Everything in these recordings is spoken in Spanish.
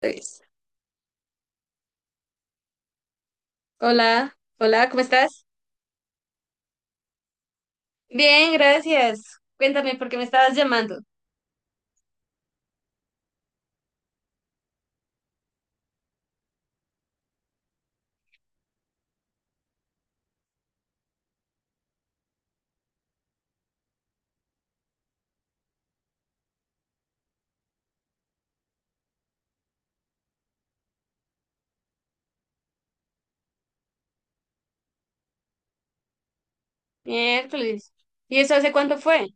Tres. Hola, hola, ¿cómo estás? Bien, gracias. Cuéntame por qué me estabas llamando. Miércoles. ¿Y eso hace cuánto fue?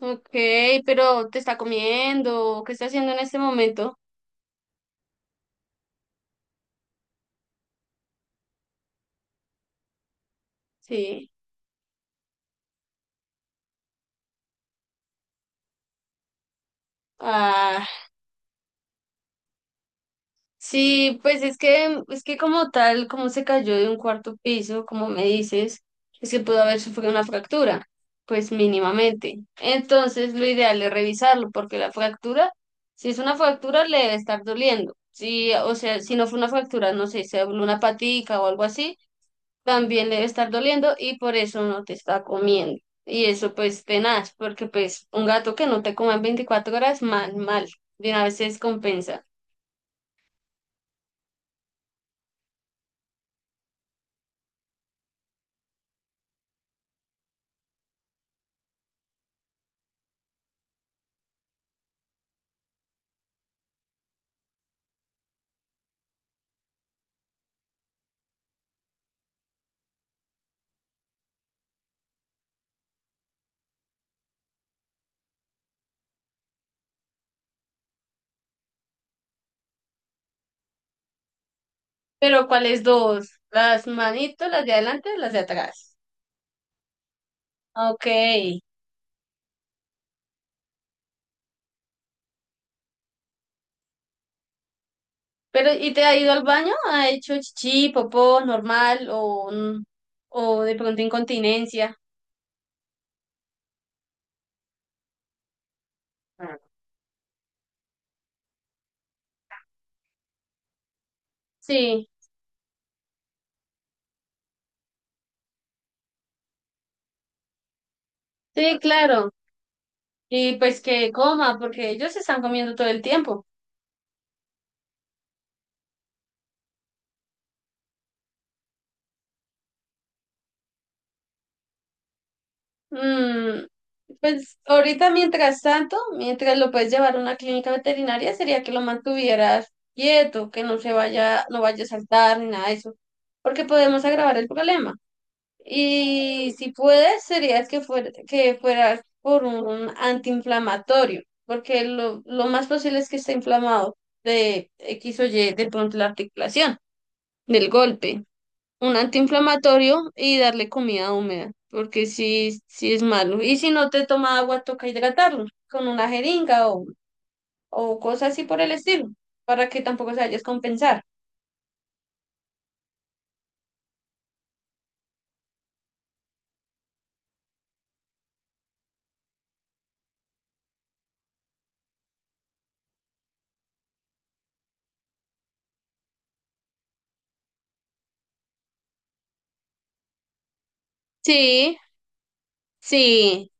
Ok, pero ¿te está comiendo? ¿Qué está haciendo en este momento? Sí. Ah. Sí, pues es que como tal, como se cayó de un cuarto piso, como me dices, es que pudo haber sufrido una fractura, pues mínimamente. Entonces, lo ideal es revisarlo, porque la fractura, si es una fractura, le debe estar doliendo. Si, o sea, si no fue una fractura, no sé, se dobló una patica o algo así, también le debe estar doliendo y por eso no te está comiendo. Y eso pues tenaz, porque pues un gato que no te come en 24 horas, mal, mal, de una vez se descompensa. Pero ¿cuáles dos? ¿Las manitos, las de adelante, las de atrás? Ok. Pero ¿y te ha ido al baño? ¿Ha hecho chichi, popó, normal o, n- o de pronto incontinencia? Sí, sí, claro. Y pues que coma, porque ellos están comiendo todo el tiempo. Mm, pues ahorita, mientras tanto, mientras lo puedes llevar a una clínica veterinaria, sería que lo mantuvieras quieto, que no se vaya, no vaya a saltar ni nada de eso, porque podemos agravar el problema. Y si puedes, sería que fuera, por un antiinflamatorio, porque lo más posible es que esté inflamado de X o Y, de pronto la articulación, del golpe. Un antiinflamatorio y darle comida húmeda, porque si es malo. Y si no te toma agua, toca hidratarlo con una jeringa o cosas así por el estilo, para que tampoco se vayas a compensar. Sí, sí,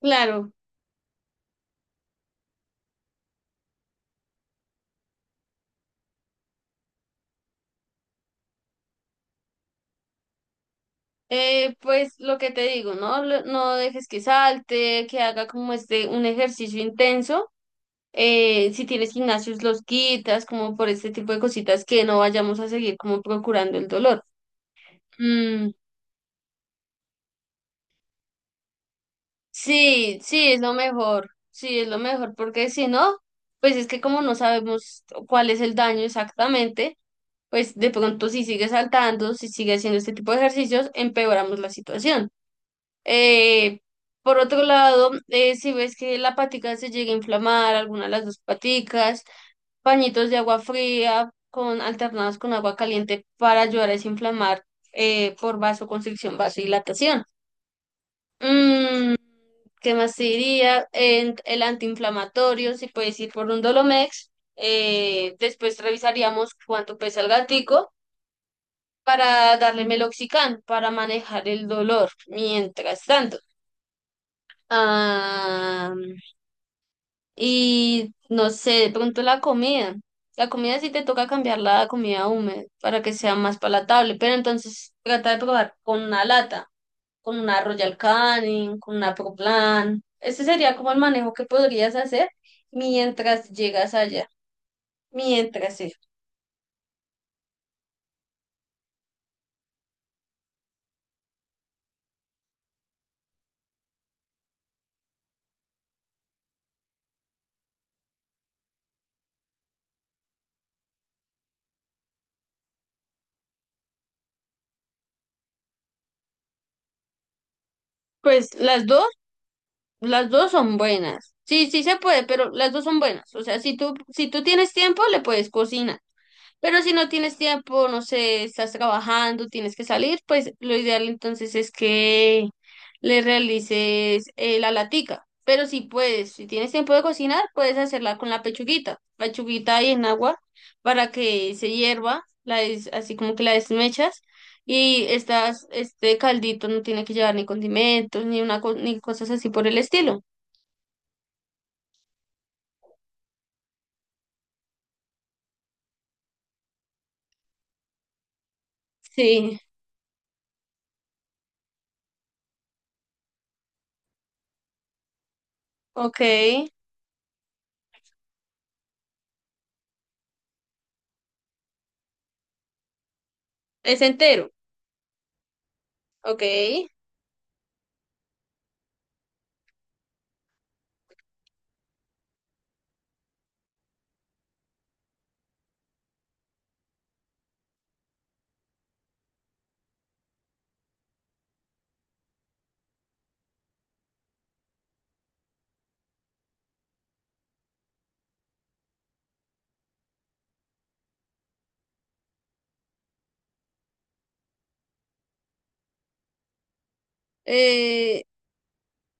claro. Pues lo que te digo, ¿no? Lo- No dejes que salte, que haga como este un ejercicio intenso. Si tienes gimnasios, los quitas, como por este tipo de cositas que no vayamos a seguir como procurando el dolor. Mm, sí, sí, es lo mejor, sí, es lo mejor, porque si no, pues es que como no sabemos cuál es el daño exactamente, pues de pronto si sigue saltando, si sigue haciendo este tipo de ejercicios, empeoramos la situación. Eh, por otro lado, si ves que la patica se llega a inflamar, alguna de las dos paticas, pañitos de agua fría con, alternados con agua caliente para ayudar a desinflamar por vasoconstricción, vasodilatación. Mm, ¿qué más te diría? En- el antiinflamatorio, si puedes ir por un Dolomex. Después revisaríamos cuánto pesa el gatico para darle meloxicam para manejar el dolor. Mientras tanto. Ah, y no sé, de pronto la comida. La comida sí te toca cambiar la comida húmeda para que sea más palatable, pero entonces trata de probar con una lata, con una Royal Canin, con una Pro Plan. Ese sería como el manejo que podrías hacer mientras llegas allá, mientras eso. Pues las dos son buenas. Sí, sí se puede, pero las dos son buenas. O sea, si tú tienes tiempo, le puedes cocinar. Pero si no tienes tiempo, no sé, estás trabajando, tienes que salir, pues lo ideal entonces es que le realices la latica. Pero si puedes, si tienes tiempo de cocinar, puedes hacerla con la pechuguita. Pechuguita ahí en agua para que se hierva, la des- así como que la desmechas. Y estas, este caldito no tiene que llevar ni condimentos, ni una co- ni cosas así por el estilo. Sí, ok. Es entero, ok. Eh,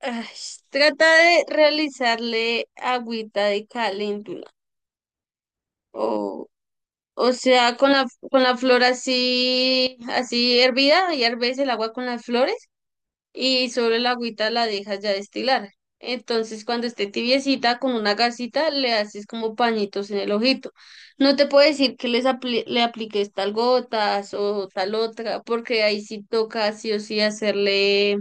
Ay, trata de realizarle agüita de caléndula o, o sea, con la flor así, así hervida, y herves el agua con las flores y sobre la agüita la dejas ya destilar. Entonces, cuando esté tibiecita, con una gasita le haces como pañitos en el ojito. No te puedo decir que les apli- le apliques tal gotas o tal otra, porque ahí sí toca sí o sí hacerle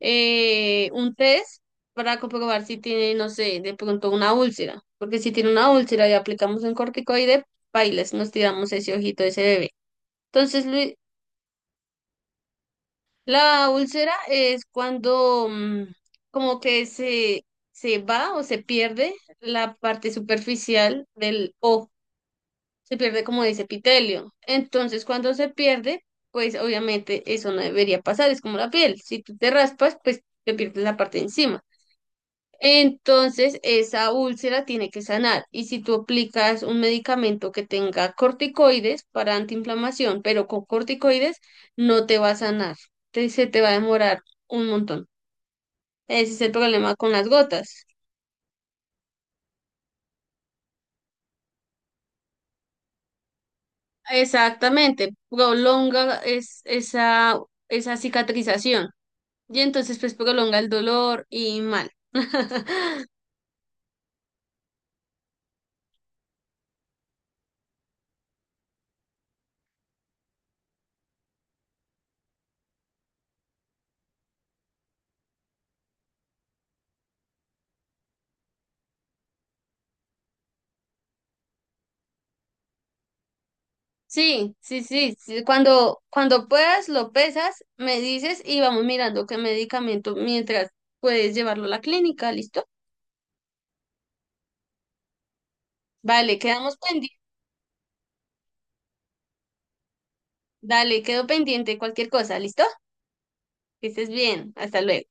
un test para comprobar si tiene, no sé, de pronto una úlcera, porque si tiene una úlcera y aplicamos un corticoide, bailes, nos tiramos ese ojito de ese bebé. Entonces, Lu- la úlcera es cuando como que se va o se pierde la parte superficial del ojo, se pierde como ese epitelio. Entonces, cuando se pierde, pues obviamente eso no debería pasar, es como la piel, si tú te raspas, pues te pierdes la parte de encima. Entonces, esa úlcera tiene que sanar. Y si tú aplicas un medicamento que tenga corticoides para antiinflamación, pero con corticoides no te va a sanar. Te- se te va a demorar un montón. Ese es el problema con las gotas. Exactamente, prolonga es, esa cicatrización. Y entonces, pues prolonga el dolor y mal. Sí, sí, sí, sí, cuando, cuando puedas, lo pesas, me dices y vamos mirando qué medicamento mientras puedes llevarlo a la clínica, ¿listo? Vale, quedamos pendientes. Dale, quedo pendiente cualquier cosa, ¿listo? Que estés bien. Hasta luego.